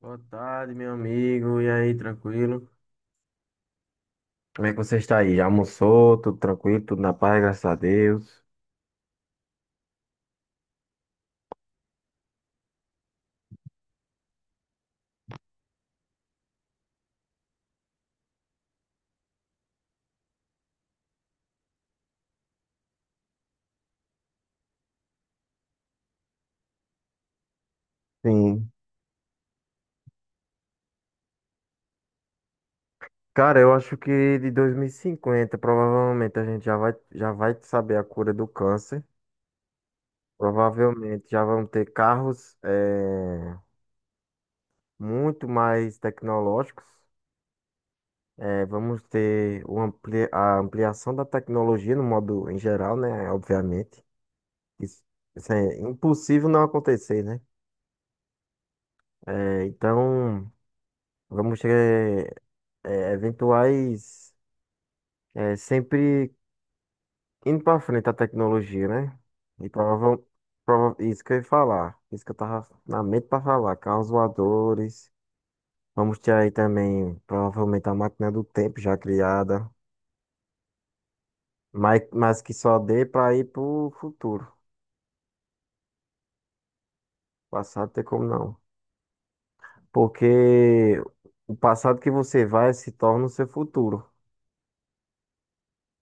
Boa tarde, meu amigo. E aí, tranquilo? Como é que você está aí? Já almoçou? Tudo tranquilo? Tudo na paz, graças a Deus. Sim. Cara, eu acho que de 2050 provavelmente a gente já vai saber a cura do câncer. Provavelmente já vão ter carros muito mais tecnológicos. Vamos ter o a ampliação da tecnologia no modo em geral, né? Obviamente. Isso, isso é impossível não acontecer, né? Então. Vamos ter eventuais é sempre indo para frente a tecnologia, né? E prova, prova, isso que eu ia falar, isso que eu tava na mente para falar, carros voadores. Vamos ter aí também provavelmente a máquina do tempo já criada, mas que só dê para ir pro futuro. Passado tem como não, porque o passado que você vai se torna o seu futuro.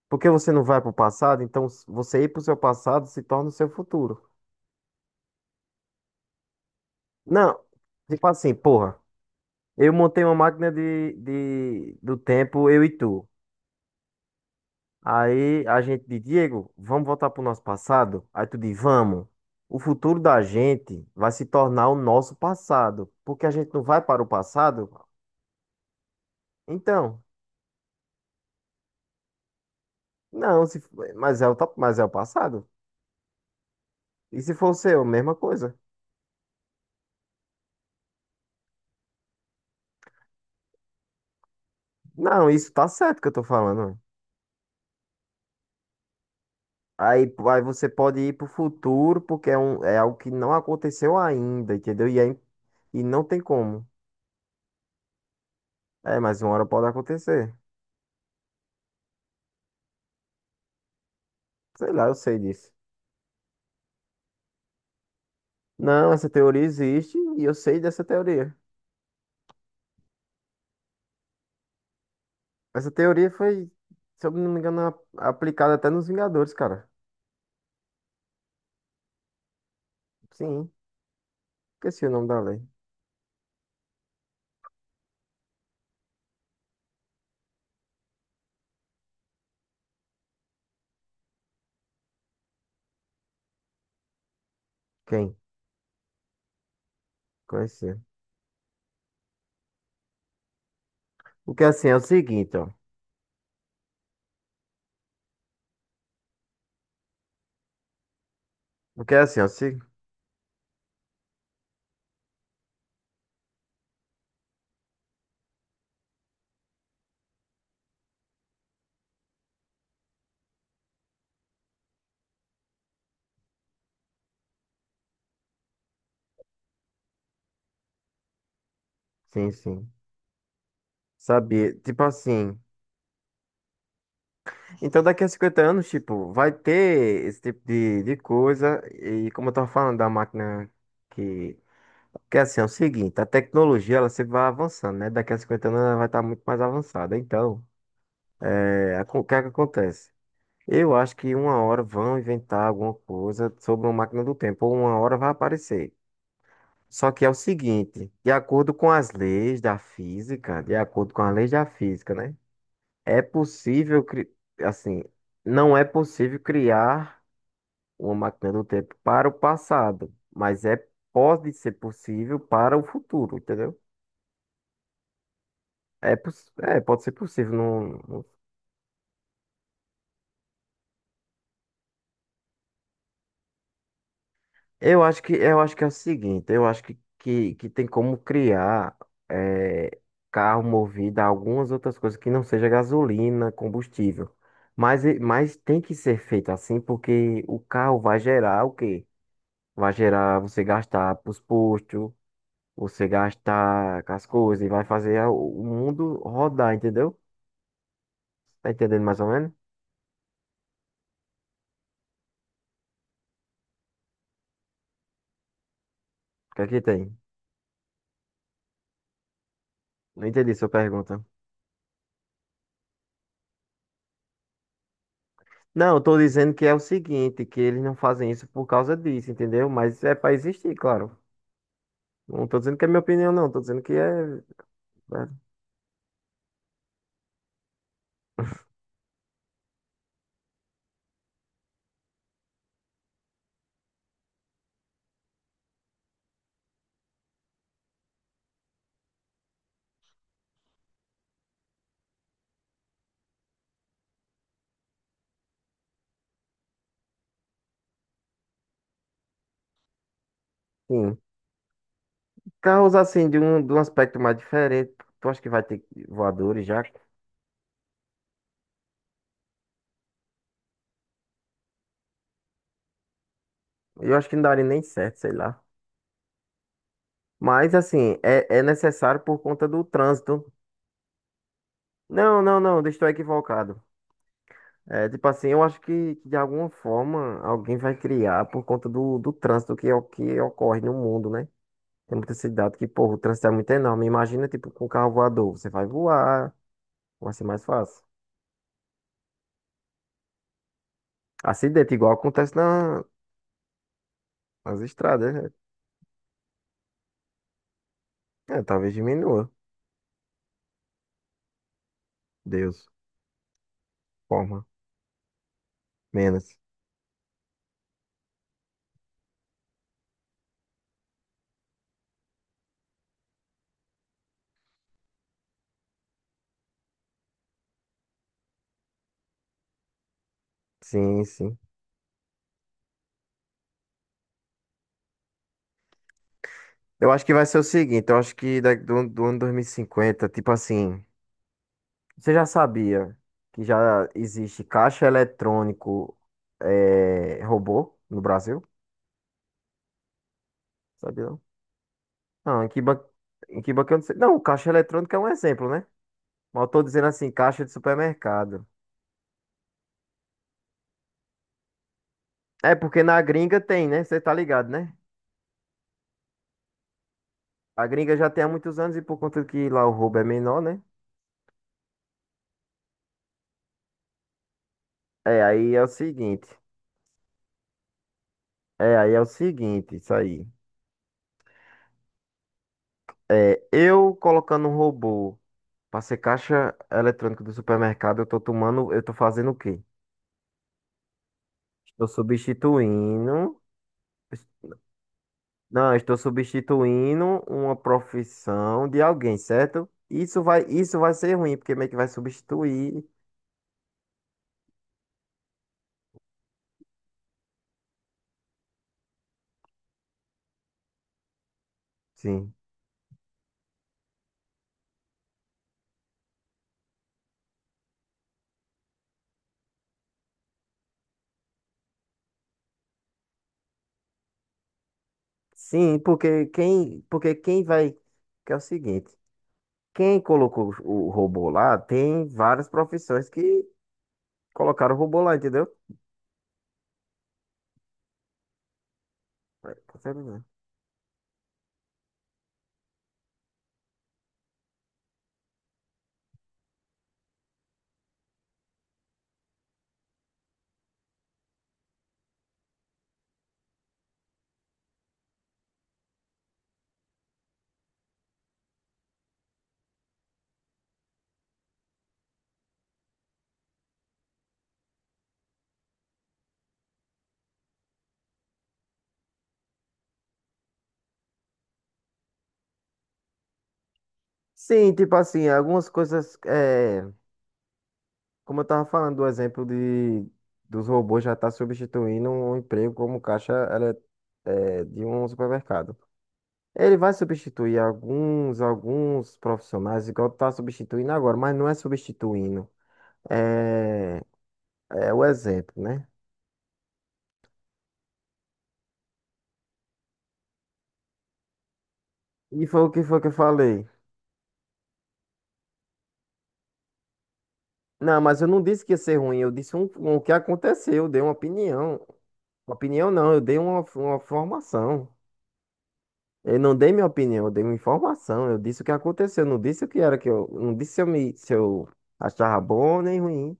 Porque você não vai pro passado, então você ir pro seu passado se torna o seu futuro. Não, tipo assim, porra, eu montei uma máquina do tempo, eu e tu. Aí a gente diz, Diego, vamos voltar pro nosso passado? Aí tu diz, vamos. O futuro da gente vai se tornar o nosso passado, porque a gente não vai para o passado? Então, não, se, f- mas é o, mas é o passado. E se for o seu, mesma coisa. Não, isso tá certo que eu tô falando. Aí, aí você pode ir pro futuro, porque é algo que não aconteceu ainda, entendeu? E e não tem como. É, mas uma hora pode acontecer. Sei lá, eu sei disso. Não, essa teoria existe e eu sei dessa teoria. Essa teoria foi, se eu não me engano, aplicada até nos Vingadores, cara. Sim, esqueci o nome da lei. Quem? Conhecia. O que é assim é o seguinte, ó. O que é assim, ó. Se... Sim, sim. Sabia. Tipo assim. Então, daqui a 50 anos, tipo, vai ter esse tipo de coisa. E como eu tava falando da máquina que. Que é assim, é o seguinte, a tecnologia ela sempre vai avançando, né? Daqui a 50 anos ela vai estar muito mais avançada. Então, é, o que é que acontece? Eu acho que uma hora vão inventar alguma coisa sobre uma máquina do tempo, ou uma hora vai aparecer. Só que é o seguinte, de acordo com as leis da física, né? É possível, assim, não é possível criar uma máquina do tempo para o passado, mas é pode ser possível para o futuro, entendeu? É, é pode ser possível. Não, não- eu acho que é o seguinte, eu acho que que tem como criar eh, carro movido a algumas outras coisas que não seja gasolina, combustível. Mas, mas tem que ser feito assim porque o carro vai gerar o quê? Vai gerar você gastar para os postos, você gasta com as coisas e vai fazer o mundo rodar, entendeu? Tá entendendo mais ou menos? O que é que tem? Não entendi sua pergunta. Não, eu tô dizendo que é o seguinte, que eles não fazem isso por causa disso, entendeu? Mas é pra existir, claro. Não tô dizendo que é minha opinião, não. Tô dizendo que é... é, sim. Carros, assim, de um aspecto mais diferente. Tu acha que vai ter voadores já? Eu acho que não daria nem certo, sei lá. Mas, assim, é necessário por conta do trânsito. Não, não, não. Deixa eu Estou equivocado. É, tipo assim, eu acho que de alguma forma alguém vai criar por conta do trânsito que é o que ocorre no mundo, né? Tem muita cidade que, porra, o trânsito é muito enorme. Imagina, tipo, com um carro voador, você vai voar, vai ser mais fácil. Acidente, igual acontece nas estradas, né? É, talvez diminua. Deus, forma, menos. Sim, sim. Eu acho que vai ser o seguinte, eu acho que daqui do ano 2050, tipo assim. Você já sabia que já existe caixa eletrônico robô no Brasil? Sabia não? Não, em que banco eu não sei. Não, caixa eletrônica é um exemplo, né? Mas eu tô dizendo assim, caixa de supermercado. É porque na gringa tem, né? Você tá ligado, né? A gringa já tem há muitos anos e por conta que lá o roubo é menor, né? É, aí é o seguinte. É, aí é o seguinte, isso aí. É, eu colocando um robô pra ser caixa eletrônica do supermercado, eu tô tomando, eu tô fazendo o quê? Estou substituindo. Não, estou substituindo uma profissão de alguém, certo? Isso vai ser ruim, porque meio que vai substituir. Sim. Sim, porque quem vai. Que é o seguinte, quem colocou o robô lá tem várias profissões que colocaram o robô lá, entendeu? É, tá certo, né? Sim, tipo assim, algumas coisas. É, como eu estava falando do exemplo de, dos robôs já estar substituindo um emprego como é, de um supermercado. Ele vai substituir alguns, alguns profissionais, igual está substituindo agora, mas não é substituindo. É, é o exemplo, né? E foi o que foi que eu falei. Não, mas eu não disse que ia ser ruim, eu disse o que aconteceu, eu dei uma opinião. Opinião não, eu dei uma formação. Eu não dei minha opinião, eu dei uma informação. Eu disse o que aconteceu, não disse o que era que eu, não disse se eu me, se eu achava bom nem ruim.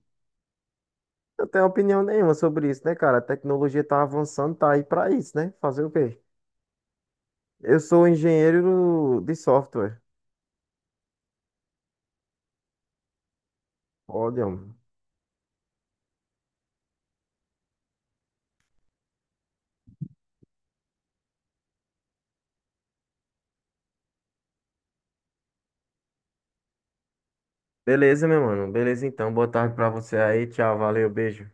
Eu tenho opinião nenhuma sobre isso, né, cara? A tecnologia tá avançando, tá aí pra isso, né? Fazer o quê? Eu sou engenheiro de software. Olha, mano. Beleza, meu mano. Beleza, então. Boa tarde pra você aí. Tchau, valeu, beijo.